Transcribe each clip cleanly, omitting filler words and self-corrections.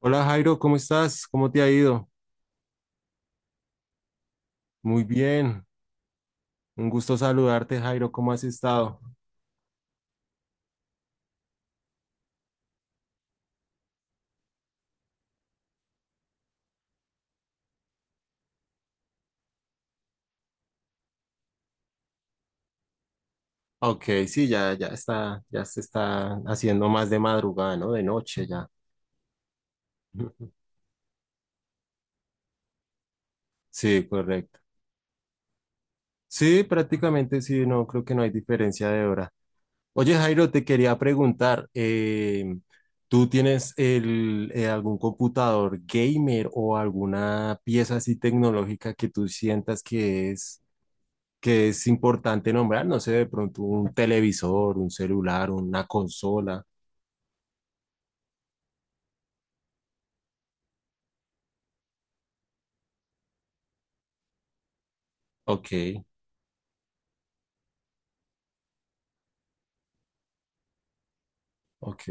Hola Jairo, ¿cómo estás? ¿Cómo te ha ido? Muy bien, un gusto saludarte Jairo, ¿cómo has estado? Ok, sí, ya, ya está, ya se está haciendo más de madrugada, ¿no? De noche ya. Sí, correcto. Sí, prácticamente sí, no, creo que no hay diferencia de hora. Oye Jairo, te quería preguntar, ¿tú tienes algún computador gamer o alguna pieza así tecnológica que tú sientas que es importante nombrar, no sé, de pronto un televisor, un celular, una consola. Ok, ok.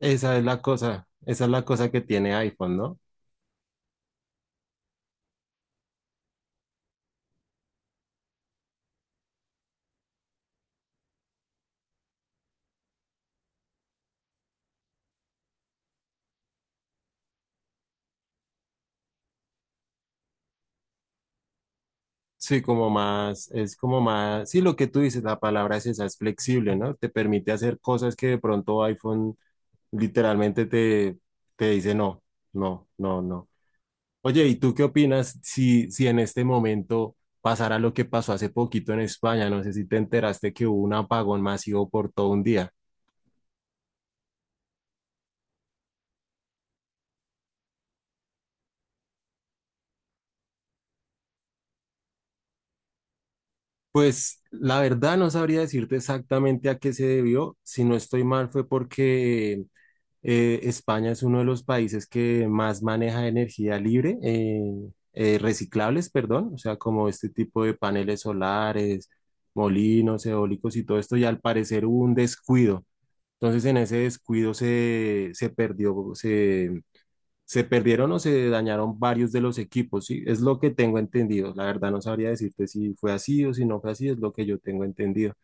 Esa es la cosa, esa es la cosa que tiene iPhone, ¿no? Sí, como más, es como más, sí, lo que tú dices, la palabra es esa, es flexible, ¿no? Te permite hacer cosas que de pronto iPhone literalmente te, te dice no, no, no, no. Oye, ¿y tú qué opinas si, si en este momento pasará lo que pasó hace poquito en España? No sé si te enteraste que hubo un apagón masivo por todo un día. Pues la verdad no sabría decirte exactamente a qué se debió. Si no estoy mal, fue porque España es uno de los países que más maneja energía libre, reciclables, perdón, o sea, como este tipo de paneles solares, molinos, eólicos y todo esto, y al parecer hubo un descuido. Entonces en ese descuido se, se perdió, se perdieron o se dañaron varios de los equipos, ¿sí? Es lo que tengo entendido. La verdad no sabría decirte si fue así o si no fue así, es lo que yo tengo entendido.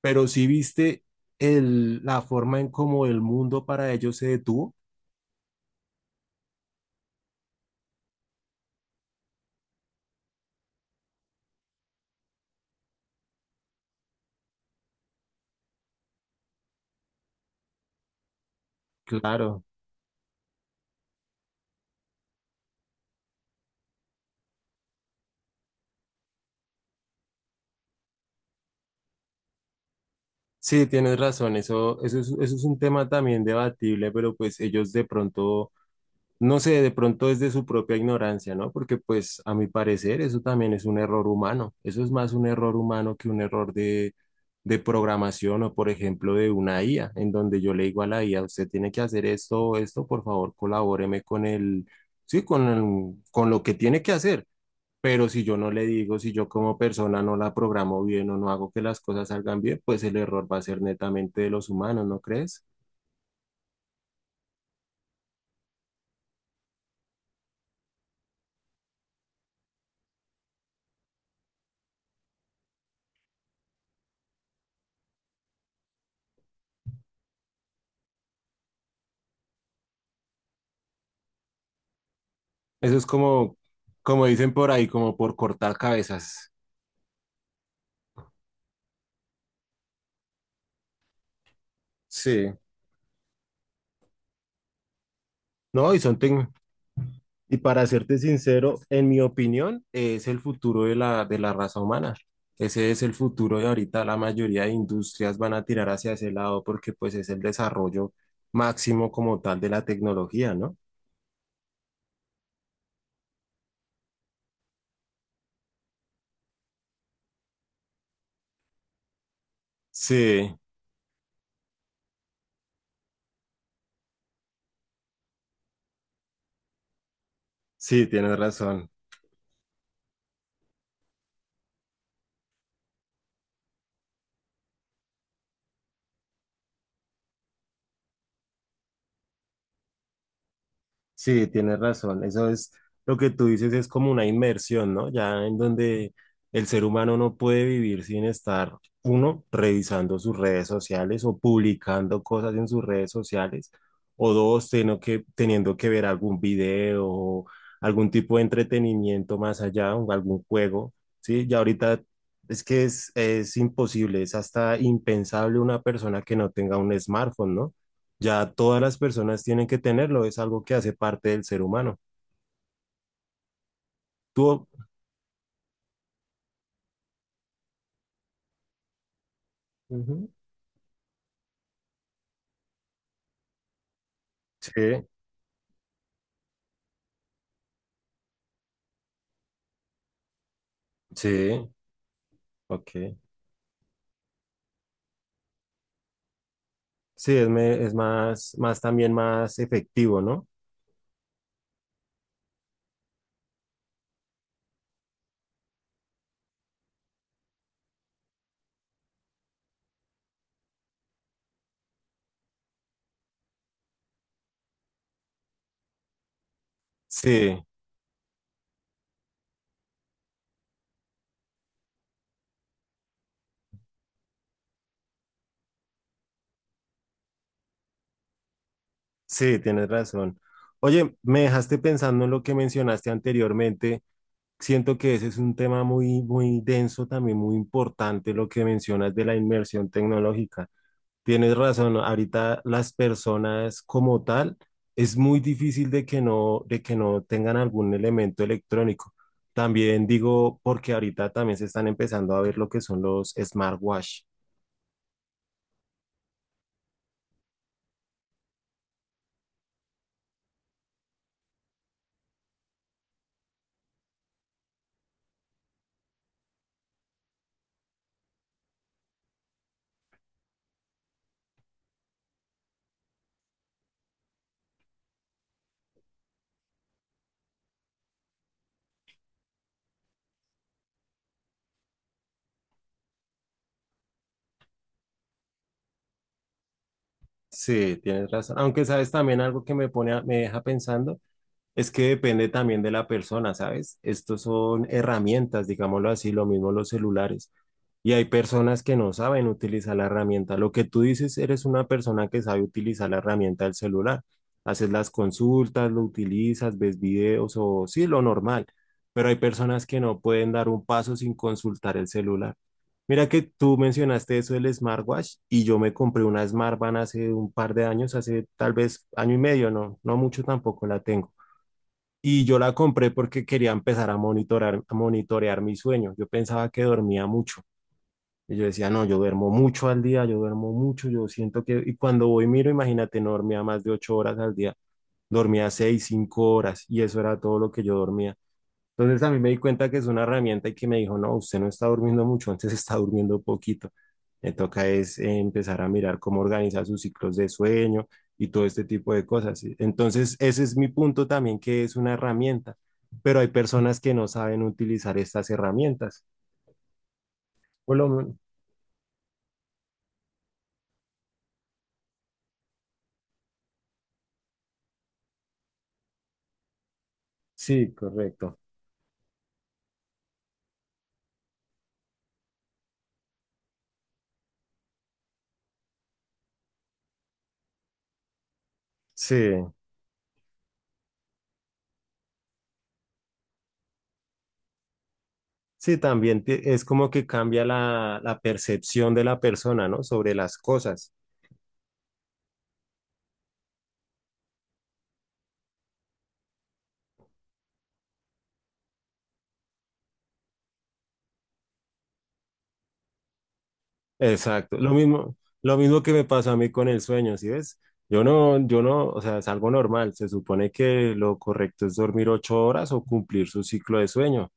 Pero si viste el, la forma en cómo el mundo para ellos se detuvo, claro. Sí, tienes razón, eso, eso es un tema también debatible, pero pues ellos de pronto no sé, de pronto es de su propia ignorancia, ¿no? Porque pues a mi parecer eso también es un error humano. Eso es más un error humano que un error de programación o por ejemplo de una IA, en donde yo le digo a la IA, usted tiene que hacer esto o esto, por favor, colabóreme con el, sí, con el- con lo que tiene que hacer. Pero si yo no le digo, si yo como persona no la programo bien o no hago que las cosas salgan bien, pues el error va a ser netamente de los humanos, ¿no crees? Eso es como, como dicen por ahí, como por cortar cabezas. Sí, no, y son tec- y para serte sincero, en mi opinión, es el futuro de de la raza humana. Ese es el futuro de ahorita. La mayoría de industrias van a tirar hacia ese lado porque pues es el desarrollo máximo como tal de la tecnología, ¿no? Sí, sí, tienes razón. Sí, tienes razón. Eso es lo que tú dices, es como una inmersión, ¿no? Ya en donde el ser humano no puede vivir sin estar, uno, revisando sus redes sociales o publicando cosas en sus redes sociales, o dos, teniendo que ver algún video o algún tipo de entretenimiento más allá, o algún juego, ¿sí? Ya ahorita es que es imposible, es hasta impensable una persona que no tenga un smartphone, ¿no? Ya todas las personas tienen que tenerlo, es algo que hace parte del ser humano. Tú, ujú, sí, sí, ok. Sí, es más, más también más efectivo, ¿no? Sí, sí, tienes razón. Oye, me dejaste pensando en lo que mencionaste anteriormente. Siento que ese es un tema muy, muy denso, también muy importante, lo que mencionas de la inmersión tecnológica. Tienes razón, ahorita las personas como tal es muy difícil de que no tengan algún elemento electrónico. También digo, porque ahorita también se están empezando a ver lo que son los smartwatch. Sí, tienes razón. Aunque sabes también algo que me deja pensando. Es que depende también de la persona, ¿sabes? Estos son herramientas, digámoslo así, lo mismo los celulares. Y hay personas que no saben utilizar la herramienta. Lo que tú dices, eres una persona que sabe utilizar la herramienta del celular. Haces las consultas, lo utilizas, ves videos o sí, lo normal. Pero hay personas que no pueden dar un paso sin consultar el celular. Mira que tú mencionaste eso del smartwatch y yo me compré una Smartband hace un par de años, hace tal vez año y medio, no, no mucho tampoco la tengo. Y yo la compré porque quería empezar a monitorar, a monitorear mi sueño. Yo pensaba que dormía mucho. Y yo decía, no, yo duermo mucho al día, yo duermo mucho, yo siento que... Y cuando voy, miro, imagínate, no dormía más de 8 horas al día, dormía 6, 5 horas, y eso era todo lo que yo dormía. Entonces a mí me di cuenta que es una herramienta y que me dijo, no, usted no está durmiendo mucho, antes está durmiendo poquito. Me toca es empezar a mirar cómo organiza sus ciclos de sueño y todo este tipo de cosas. Entonces ese es mi punto también, que es una herramienta, pero hay personas que no saben utilizar estas herramientas. Por lo men- sí, correcto. Sí, es como que cambia la, la percepción de la persona, ¿no? Sobre las cosas. Exacto, lo mismo que me pasa a mí con el sueño, ¿sí ves? Yo no, yo no, o sea, es algo normal. Se supone que lo correcto es dormir 8 horas o cumplir su ciclo de sueño.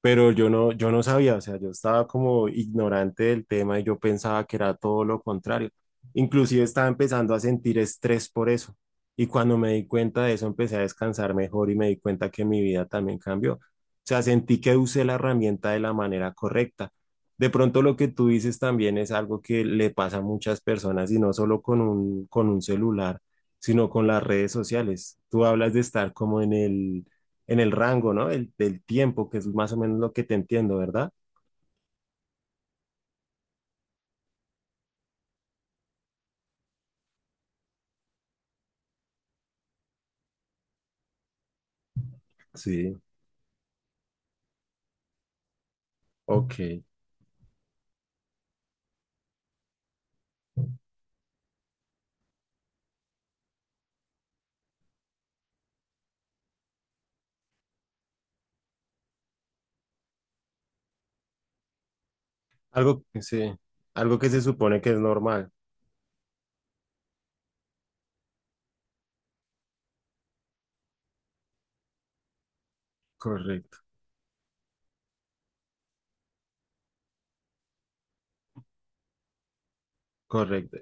Pero yo no, yo no sabía, o sea, yo estaba como ignorante del tema y yo pensaba que era todo lo contrario. Inclusive estaba empezando a sentir estrés por eso. Y cuando me di cuenta de eso, empecé a descansar mejor y me di cuenta que mi vida también cambió. O sea, sentí que usé la herramienta de la manera correcta. De pronto lo que tú dices también es algo que le pasa a muchas personas y no solo con un celular, sino con las redes sociales. Tú hablas de estar como en el rango, ¿no? El, del tiempo, que es más o menos lo que te entiendo, ¿verdad? Sí, ok. Algo, sí, algo que se supone que es normal. Correcto, correcto.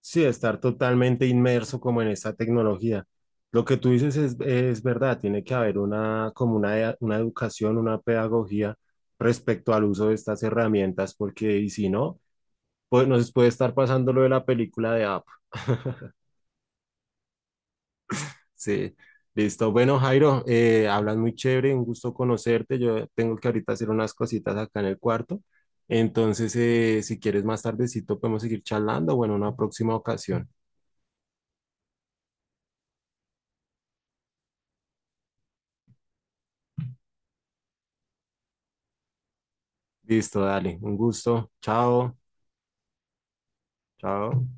Sí, estar totalmente inmerso como en esta tecnología. Lo que tú dices es verdad, tiene que haber una, como una, una educación, una pedagogía respecto al uso de estas herramientas, porque y si no, pues nos puede estar pasando lo de la película de App. Sí, listo. Bueno, Jairo, hablas muy chévere, un gusto conocerte. Yo tengo que ahorita hacer unas cositas acá en el cuarto. Entonces, si quieres más tardecito, podemos seguir charlando. Bueno, una próxima ocasión. Listo, dale, un gusto. Chao, chao.